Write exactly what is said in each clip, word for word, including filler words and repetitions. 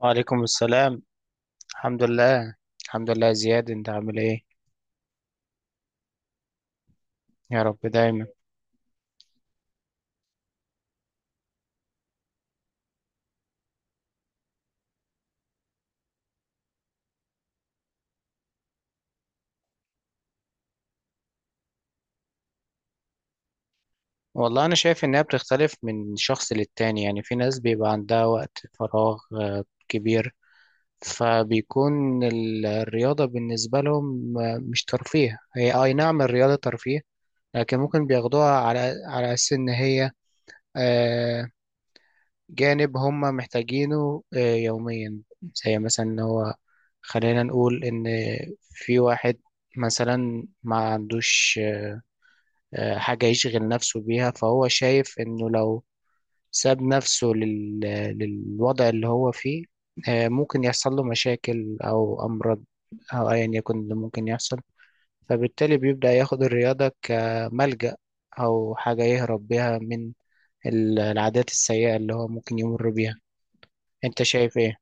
وعليكم السلام. الحمد لله. الحمد لله يا زياد، انت عامل ايه؟ يا رب دايما. والله انا شايف انها بتختلف من شخص للتاني، يعني في ناس بيبقى عندها وقت فراغ آه، كبير، فبيكون ال- الرياضة بالنسبة لهم آه، مش ترفيه. هي اي نعم الرياضة ترفيه، لكن ممكن بياخدوها على على اساس ان هي آه، جانب هم محتاجينه آه، يوميا. زي مثلا ان هو، خلينا نقول ان في واحد مثلا ما عندوش آه، حاجة يشغل نفسه بيها، فهو شايف انه لو ساب نفسه لل... للوضع اللي هو فيه آه، ممكن يحصل له مشاكل او امراض، او ايا يكن اللي ممكن يحصل. فبالتالي بيبدأ ياخد الرياضة كملجأ، او حاجة يهرب بيها من ال- العادات السيئة اللي هو ممكن يمر بيها. انت شايف ايه؟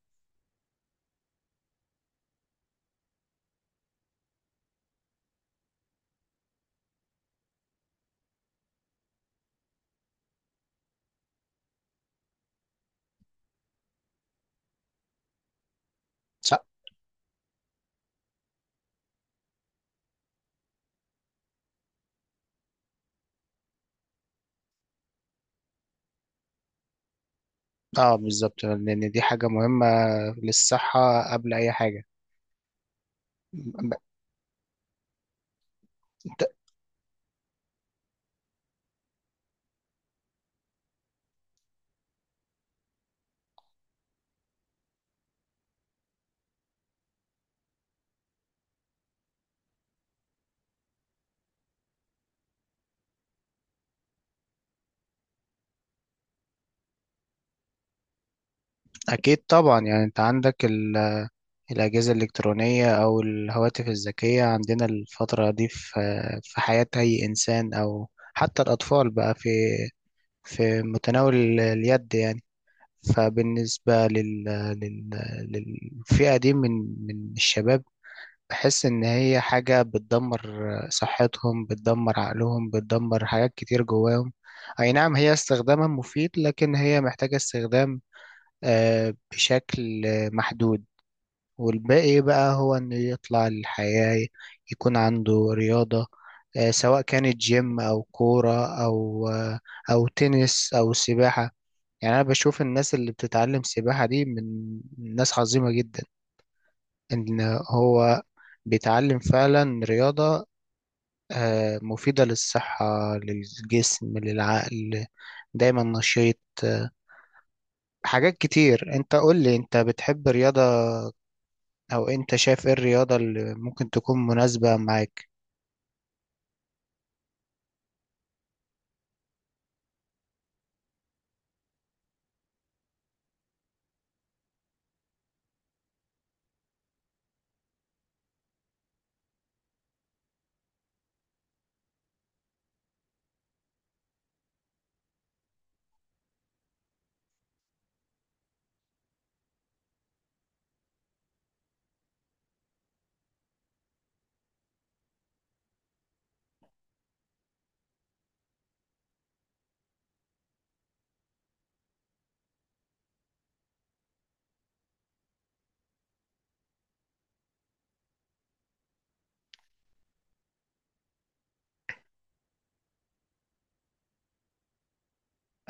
صح. اه بالظبط، لان دي حاجه مهمه للصحه قبل اي حاجه. ب- ت- اكيد طبعا، يعني انت عندك ال- الاجهزه الالكترونيه او الهواتف الذكيه، عندنا الفتره دي في في حياه اي انسان، او حتى الاطفال بقى في في متناول ال- اليد يعني. فبالنسبه لل... لل... للفئه دي من من الشباب، بحس إن هي حاجة بتدمر صحتهم، بتدمر عقلهم، بتدمر حاجات كتير جواهم. أي نعم هي استخدامها مفيد، لكن هي محتاجة استخدام آه، بشكل آه، محدود. والباقي بقى هو إنه يطلع الحياة، يكون عنده رياضة آه، سواء كانت جيم أو كورة أو آه، أو تنس أو سباحة. يعني أنا بشوف الناس اللي بتتعلم سباحة دي من ناس عظيمة جدا، إن هو بيتعلم فعلا رياضة آه، مفيدة للصحة، للجسم، للعقل، دايما نشيط آه، حاجات كتير. انت قول لي، انت بتحب رياضة؟ او انت شايف ايه الرياضة اللي ممكن تكون مناسبة معاك؟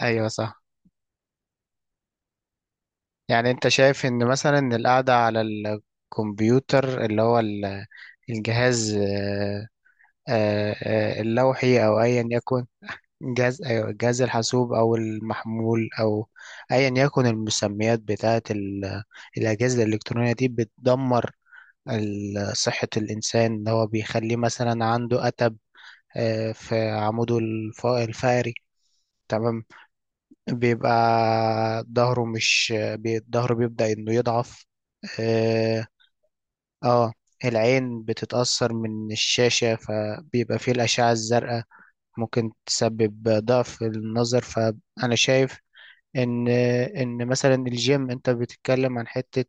ايوه صح. يعني انت شايف ان مثلا القعدة على الكمبيوتر، اللي هو ال- الجهاز، آه، آه، آه، اللوحي او ايا يكن، جهاز، أيوة جهاز الحاسوب أو المحمول، أو أيا يكن المسميات بتاعة ال- الأجهزة الإلكترونية دي، بتدمر ال- صحة الإنسان. إن هو بيخليه مثلا عنده أتب آه، في عموده الف- الفقري. تمام، بيبقى ظهره مش بي- ظهره بيبدأ إنه يضعف. اه. آه، العين بتتأثر من الشاشة، فبيبقى فيه الأشعة الزرقاء ممكن تسبب ضعف النظر. ف انا شايف ان ان مثلا الجيم، انت بتتكلم عن حتة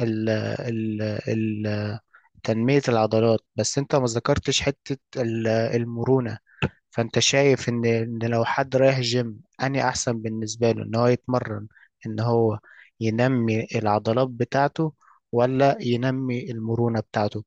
ال ال ال تنمية العضلات، بس انت ما ذكرتش حتة ال- المرونة. فانت شايف ان ان لو حد رايح جيم، اني احسن بالنسبة له ان هو يتمرن، ان هو ينمي العضلات بتاعته، ولا ينمي المرونة بتاعته؟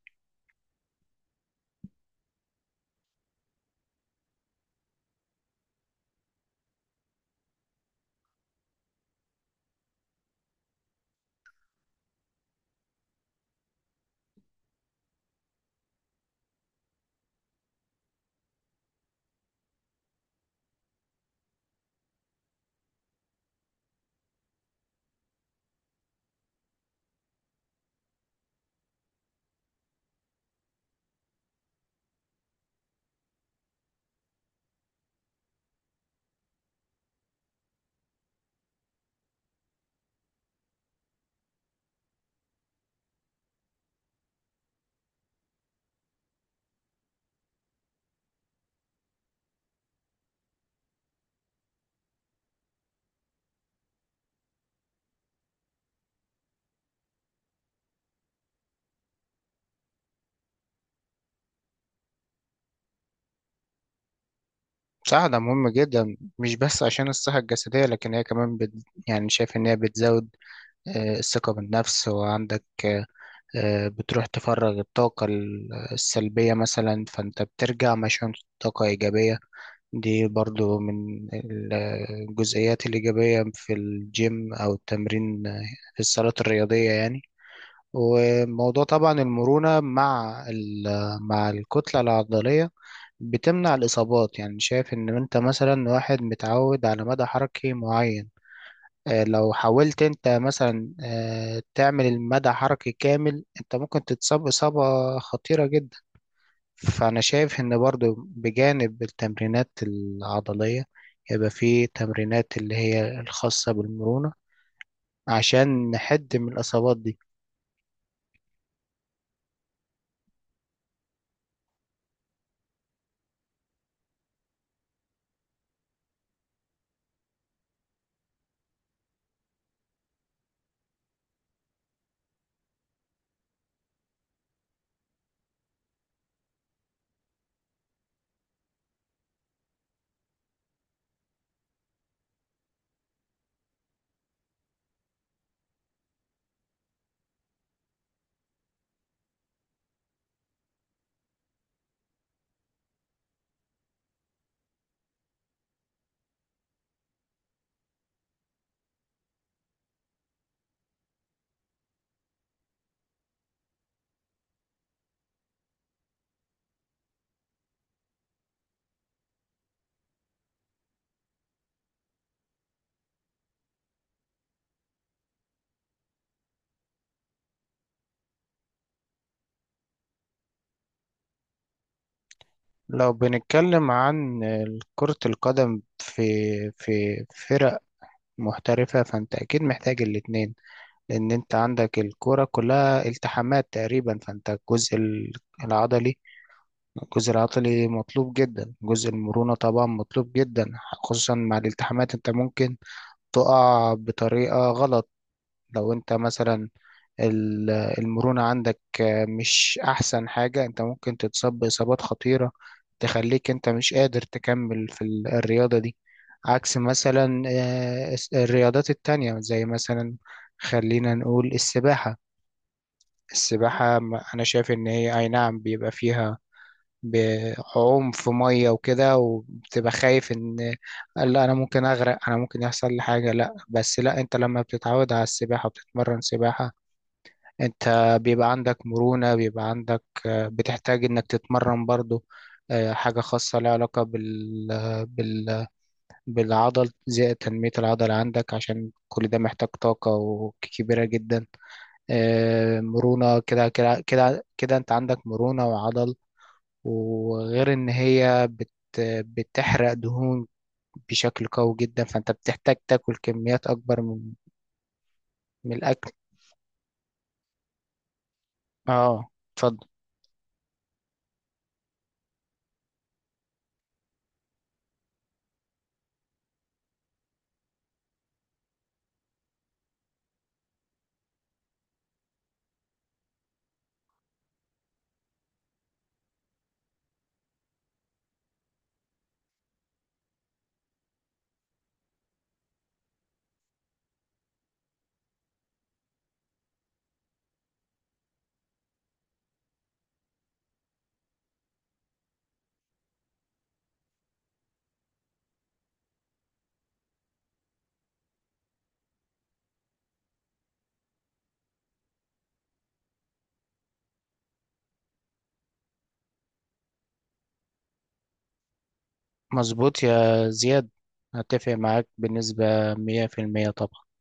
بصراحة ده مهم جدا، مش بس عشان الصحة الجسدية، لكن هي كمان بت... يعني شايف إن هي بتزود آه، الثقة بالنفس، وعندك آه، بتروح تفرغ الطاقة ال- السلبية مثلا، فأنت بترجع مشحون طاقة إيجابية. دي برضو من ال- الجزئيات الإيجابية في الجيم أو التمرين آه، في الصالات الرياضية يعني. وموضوع طبعا المرونة مع ال- مع الكتلة العضلية بتمنع الإصابات، يعني شايف إن أنت مثلا واحد متعود على مدى حركي معين، آه، لو حاولت انت مثلا آه، تعمل المدى حركي كامل، انت ممكن تتصاب إصابة خطيرة جدا. فأنا شايف إن برضو بجانب التمرينات العضلية يبقى في تمرينات اللي هي الخاصة بالمرونة، عشان نحد من الإصابات دي. لو بنتكلم عن كرة القدم في في فرق محترفة، فأنت أكيد محتاج الاتنين، لأن أنت عندك الكرة كلها التحامات تقريبا. فأنت الجزء العضلي الجزء العضلي مطلوب جدا، جزء المرونة طبعا مطلوب جدا، خصوصا مع الالتحامات. انت ممكن تقع بطريقة غلط لو انت مثلا ال- المرونة عندك آه، مش احسن حاجة، انت ممكن تتصاب بإصابات خطيرة تخليك انت مش قادر تكمل في ال- الرياضة دي. عكس مثلا آه، الس- الرياضات التانية، زي مثلا خلينا نقول السباحة. السباحة ما- أنا شايف إن هي أي نعم بيبقى فيها بعوم في ميه وكده، وبتبقى خايف ان لا انا ممكن اغرق، انا ممكن يحصل لي حاجه. لا بس لا، انت لما بتتعود على السباحه وبتتمرن سباحه، انت بيبقى عندك مرونه، بيبقى عندك آه، بتحتاج انك تتمرن برضو آه، حاجه خاصه لها علاقه بال بال بالعضل، زي تنميه العضل عندك، عشان كل ده محتاج طاقه وكبيره جدا آه، مرونه. كده كده كده كده انت عندك مرونه وعضل، وغير ان هي بت بتحرق دهون بشكل قوي جدا، فانت بتحتاج تاكل كميات اكبر من من الاكل. اه اتفضل. مظبوط يا زياد، هتفق معاك بنسبة مية في المية طبعا.